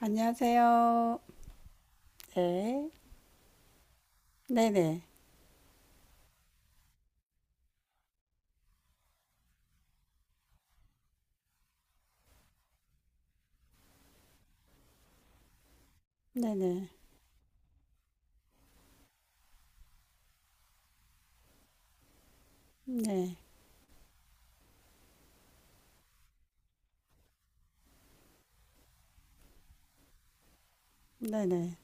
안녕하세요. 네. 네네. 네네. 네. 네네.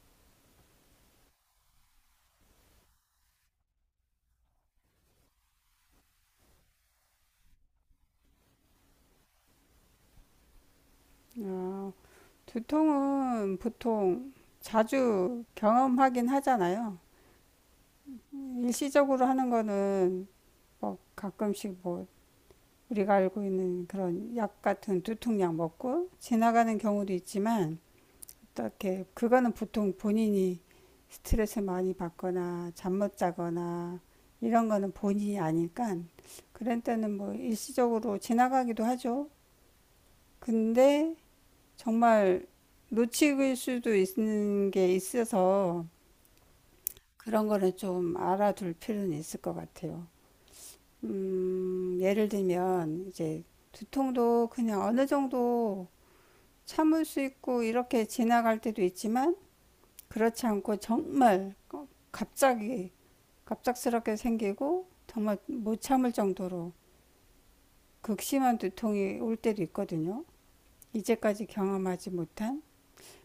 아, 두통은 보통 자주 경험하긴 하잖아요. 일시적으로 하는 거는 뭐 가끔씩 뭐 우리가 알고 있는 그런 약 같은 두통약 먹고 지나가는 경우도 있지만 어떻게 그거는 보통 본인이 스트레스 많이 받거나 잠 못 자거나 이런 거는 본인이 아니까 그런 때는 뭐 일시적으로 지나가기도 하죠. 근데 정말 놓칠 수도 있는 게 있어서 그런 거는 좀 알아둘 필요는 있을 것 같아요. 예를 들면 이제 두통도 그냥 어느 정도 참을 수 있고 이렇게 지나갈 때도 있지만 그렇지 않고 정말 갑자기 갑작스럽게 생기고 정말 못 참을 정도로 극심한 두통이 올 때도 있거든요. 이제까지 경험하지 못한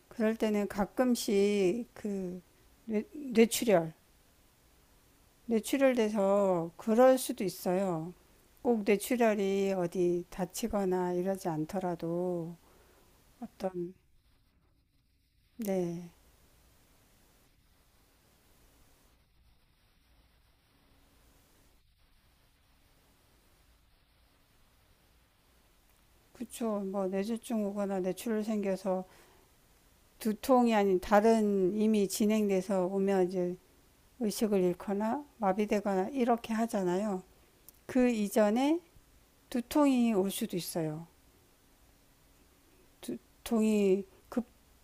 그럴 때는 가끔씩 그 뇌, 뇌출혈 뇌출혈돼서 그럴 수도 있어요. 꼭 뇌출혈이 어디 다치거나 이러지 않더라도 어떤 네 그쵸 뭐 뇌졸중 오거나 뇌출혈 생겨서 두통이 아닌 다른 이미 진행돼서 오면 이제 의식을 잃거나 마비되거나 이렇게 하잖아요. 그 이전에 두통이 올 수도 있어요. 두통이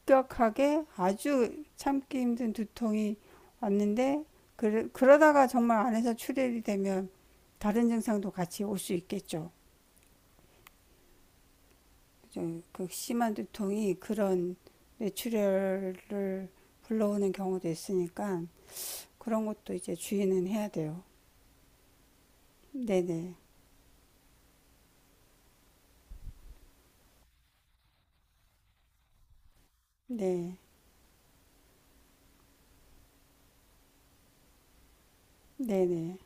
급격하게 아주 참기 힘든 두통이 왔는데 그러다가 정말 안에서 출혈이 되면 다른 증상도 같이 올 수 있겠죠. 그죠? 그 심한 두통이 그런 뇌출혈을 불러오는 경우도 있으니까 그런 것도 이제 주의는 해야 돼요. 네네. 네. 네네.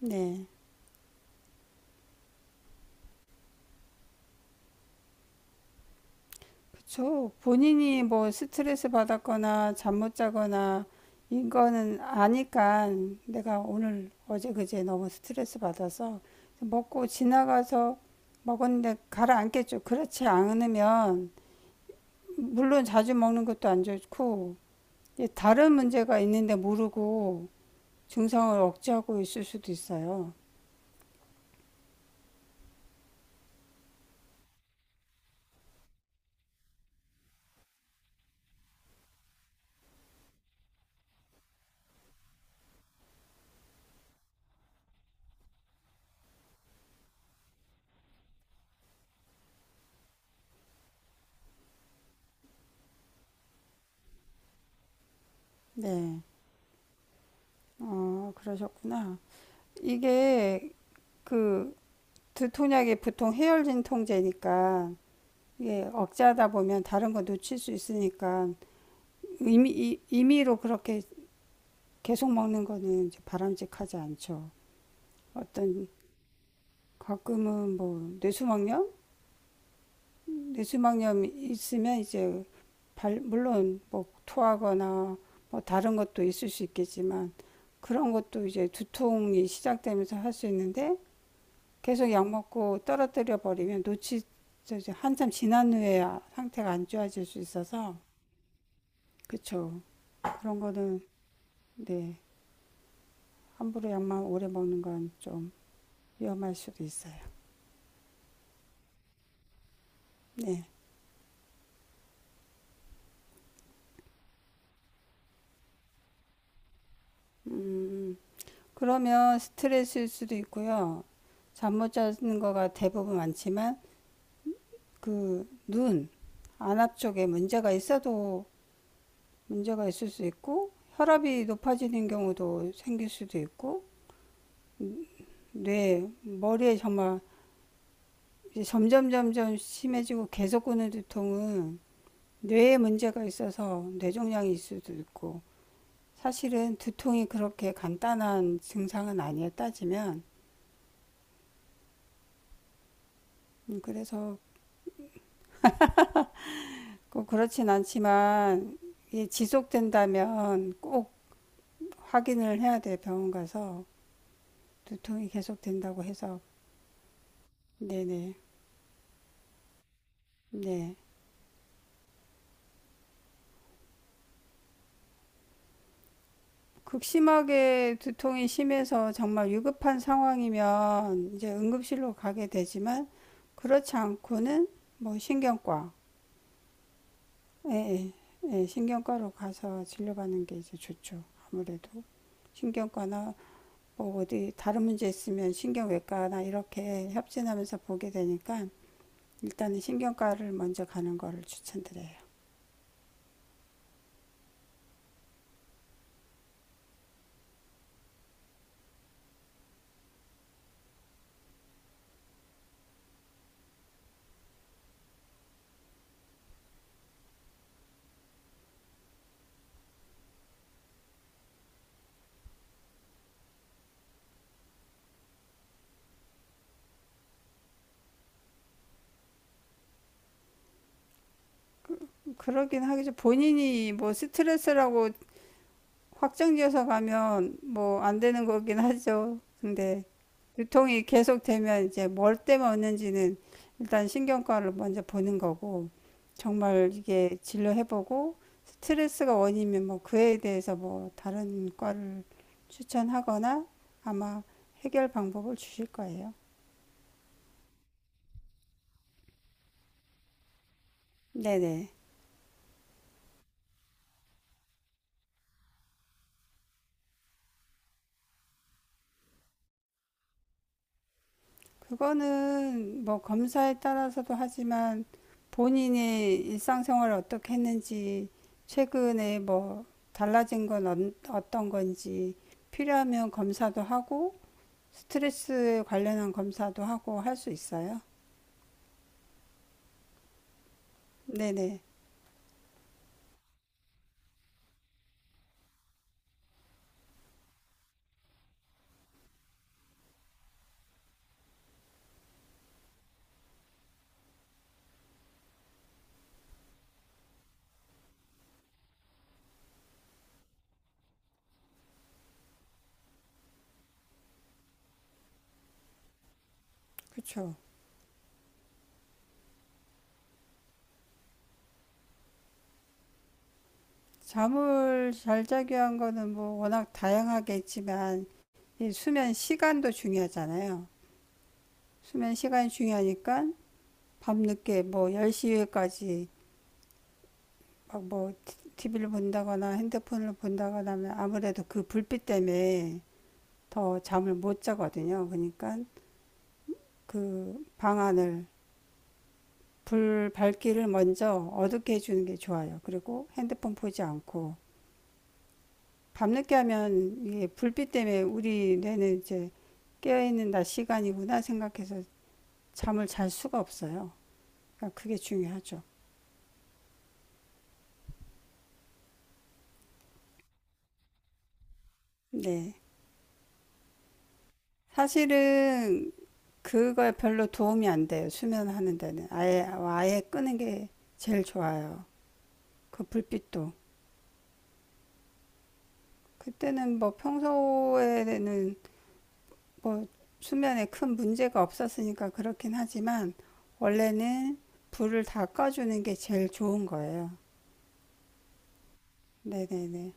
네. 그쵸. 본인이 뭐 스트레스 받았거나 잠 못 자거나 이거는 아니까 내가 오늘 어제 그제 너무 스트레스 받아서 먹고 지나가서 먹었는데 가라앉겠죠. 그렇지 않으면 물론 자주 먹는 것도 안 좋고 이제 다른 문제가 있는데 모르고 증상을 억제하고 있을 수도 있어요. 네. 어, 그러셨구나. 이게 그 두통약이 보통 해열진 통제니까 이게 억제하다 보면 다른 거 놓칠 수 있으니까 임의로 그렇게 계속 먹는 거는 이제 바람직하지 않죠. 어떤 가끔은 뭐 뇌수막염? 뇌수막염 있으면 이제 물론 뭐 토하거나 뭐 다른 것도 있을 수 있겠지만 그런 것도 이제 두통이 시작되면서 할 수 있는데 계속 약 먹고 떨어뜨려 버리면 놓치 한참 지난 후에야 상태가 안 좋아질 수 있어서 그쵸 그런 거는 네 함부로 약만 오래 먹는 건 좀 위험할 수도 있어요. 네. 음 그러면 스트레스일 수도 있고요. 잠 못 자는 거가 대부분 많지만 그 눈 안압 쪽에 문제가 있어도 문제가 있을 수 있고 혈압이 높아지는 경우도 생길 수도 있고 뇌 머리에 정말 이제 점점 점점 심해지고 계속 오는 두통은 뇌에 문제가 있어서 뇌종양일 수도 있고 사실은 두통이 그렇게 간단한 증상은 아니에요 따지면. 그래서 꼭 그렇진 않지만 이게 지속된다면 꼭 확인을 해야 돼 병원 가서 두통이 계속된다고 해서. 네네. 네. 극심하게 두통이 심해서 정말 위급한 상황이면 이제 응급실로 가게 되지만 그렇지 않고는 뭐 신경과, 예, 예, 예, 신경과로 가서 진료받는 게 이제 좋죠. 아무래도 신경과나 뭐 어디 다른 문제 있으면 신경외과나 이렇게 협진하면서 보게 되니까 일단은 신경과를 먼저 가는 거를 추천드려요. 그러긴 하겠죠. 본인이 뭐 스트레스라고 확정지어서 가면 뭐 안 되는 거긴 하죠. 근데 유통이 계속되면 이제 뭘 때문에 얻는지는 일단 신경과를 먼저 보는 거고 정말 이게 진료해보고 스트레스가 원인이면 뭐 그에 대해서 뭐 다른 과를 추천하거나 아마 해결 방법을 주실 거예요. 네네. 그거는 뭐 검사에 따라서도 하지만 본인의 일상생활을 어떻게 했는지 최근에 뭐 달라진 건 떤 건지 필요하면 검사도 하고 스트레스 관련한 검사도 하고 할 수 있어요. 네네. 그쵸. 잠을 잘 자기 위한 거는 뭐 워낙 다양하게 있지만 이 수면 시간도 중요하잖아요. 수면 시간이 중요하니까 밤늦게 뭐 10시까지 막 뭐 TV를 본다거나 핸드폰을 본다거나 하면 아무래도 그 불빛 때문에 더 잠을 못 자거든요. 그러니까 그 방안을 불 밝기를 먼저 어둡게 해주는 게 좋아요. 그리고 핸드폰 보지 않고 밤늦게 하면 이게 불빛 때문에 우리 뇌는 이제 깨어있는 낮 시간이구나 생각해서 잠을 잘 수가 없어요. 그러니까 그게 중요하죠. 네. 사실은 그거에 별로 도움이 안 돼요. 수면하는 데는 아예 아예 끄는 게 제일 좋아요. 그 불빛도 그때는 뭐 평소에는 뭐 수면에 큰 문제가 없었으니까 그렇긴 하지만 원래는 불을 다 꺼주는 게 제일 좋은 거예요. 네네네.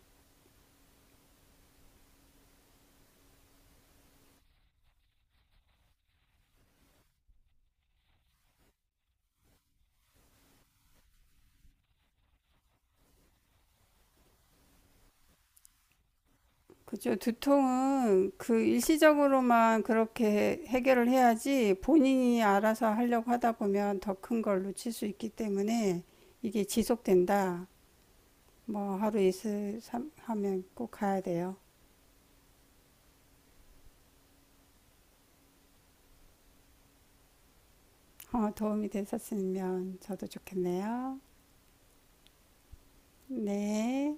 그죠. 두통은 그 일시적으로만 그렇게 해결을 해야지 본인이 알아서 하려고 하다 보면 더 큰 걸 놓칠 수 있기 때문에 이게 지속된다. 뭐 하루 하면 꼭 가야 돼요. 어, 도움이 됐었으면 저도 좋겠네요. 네.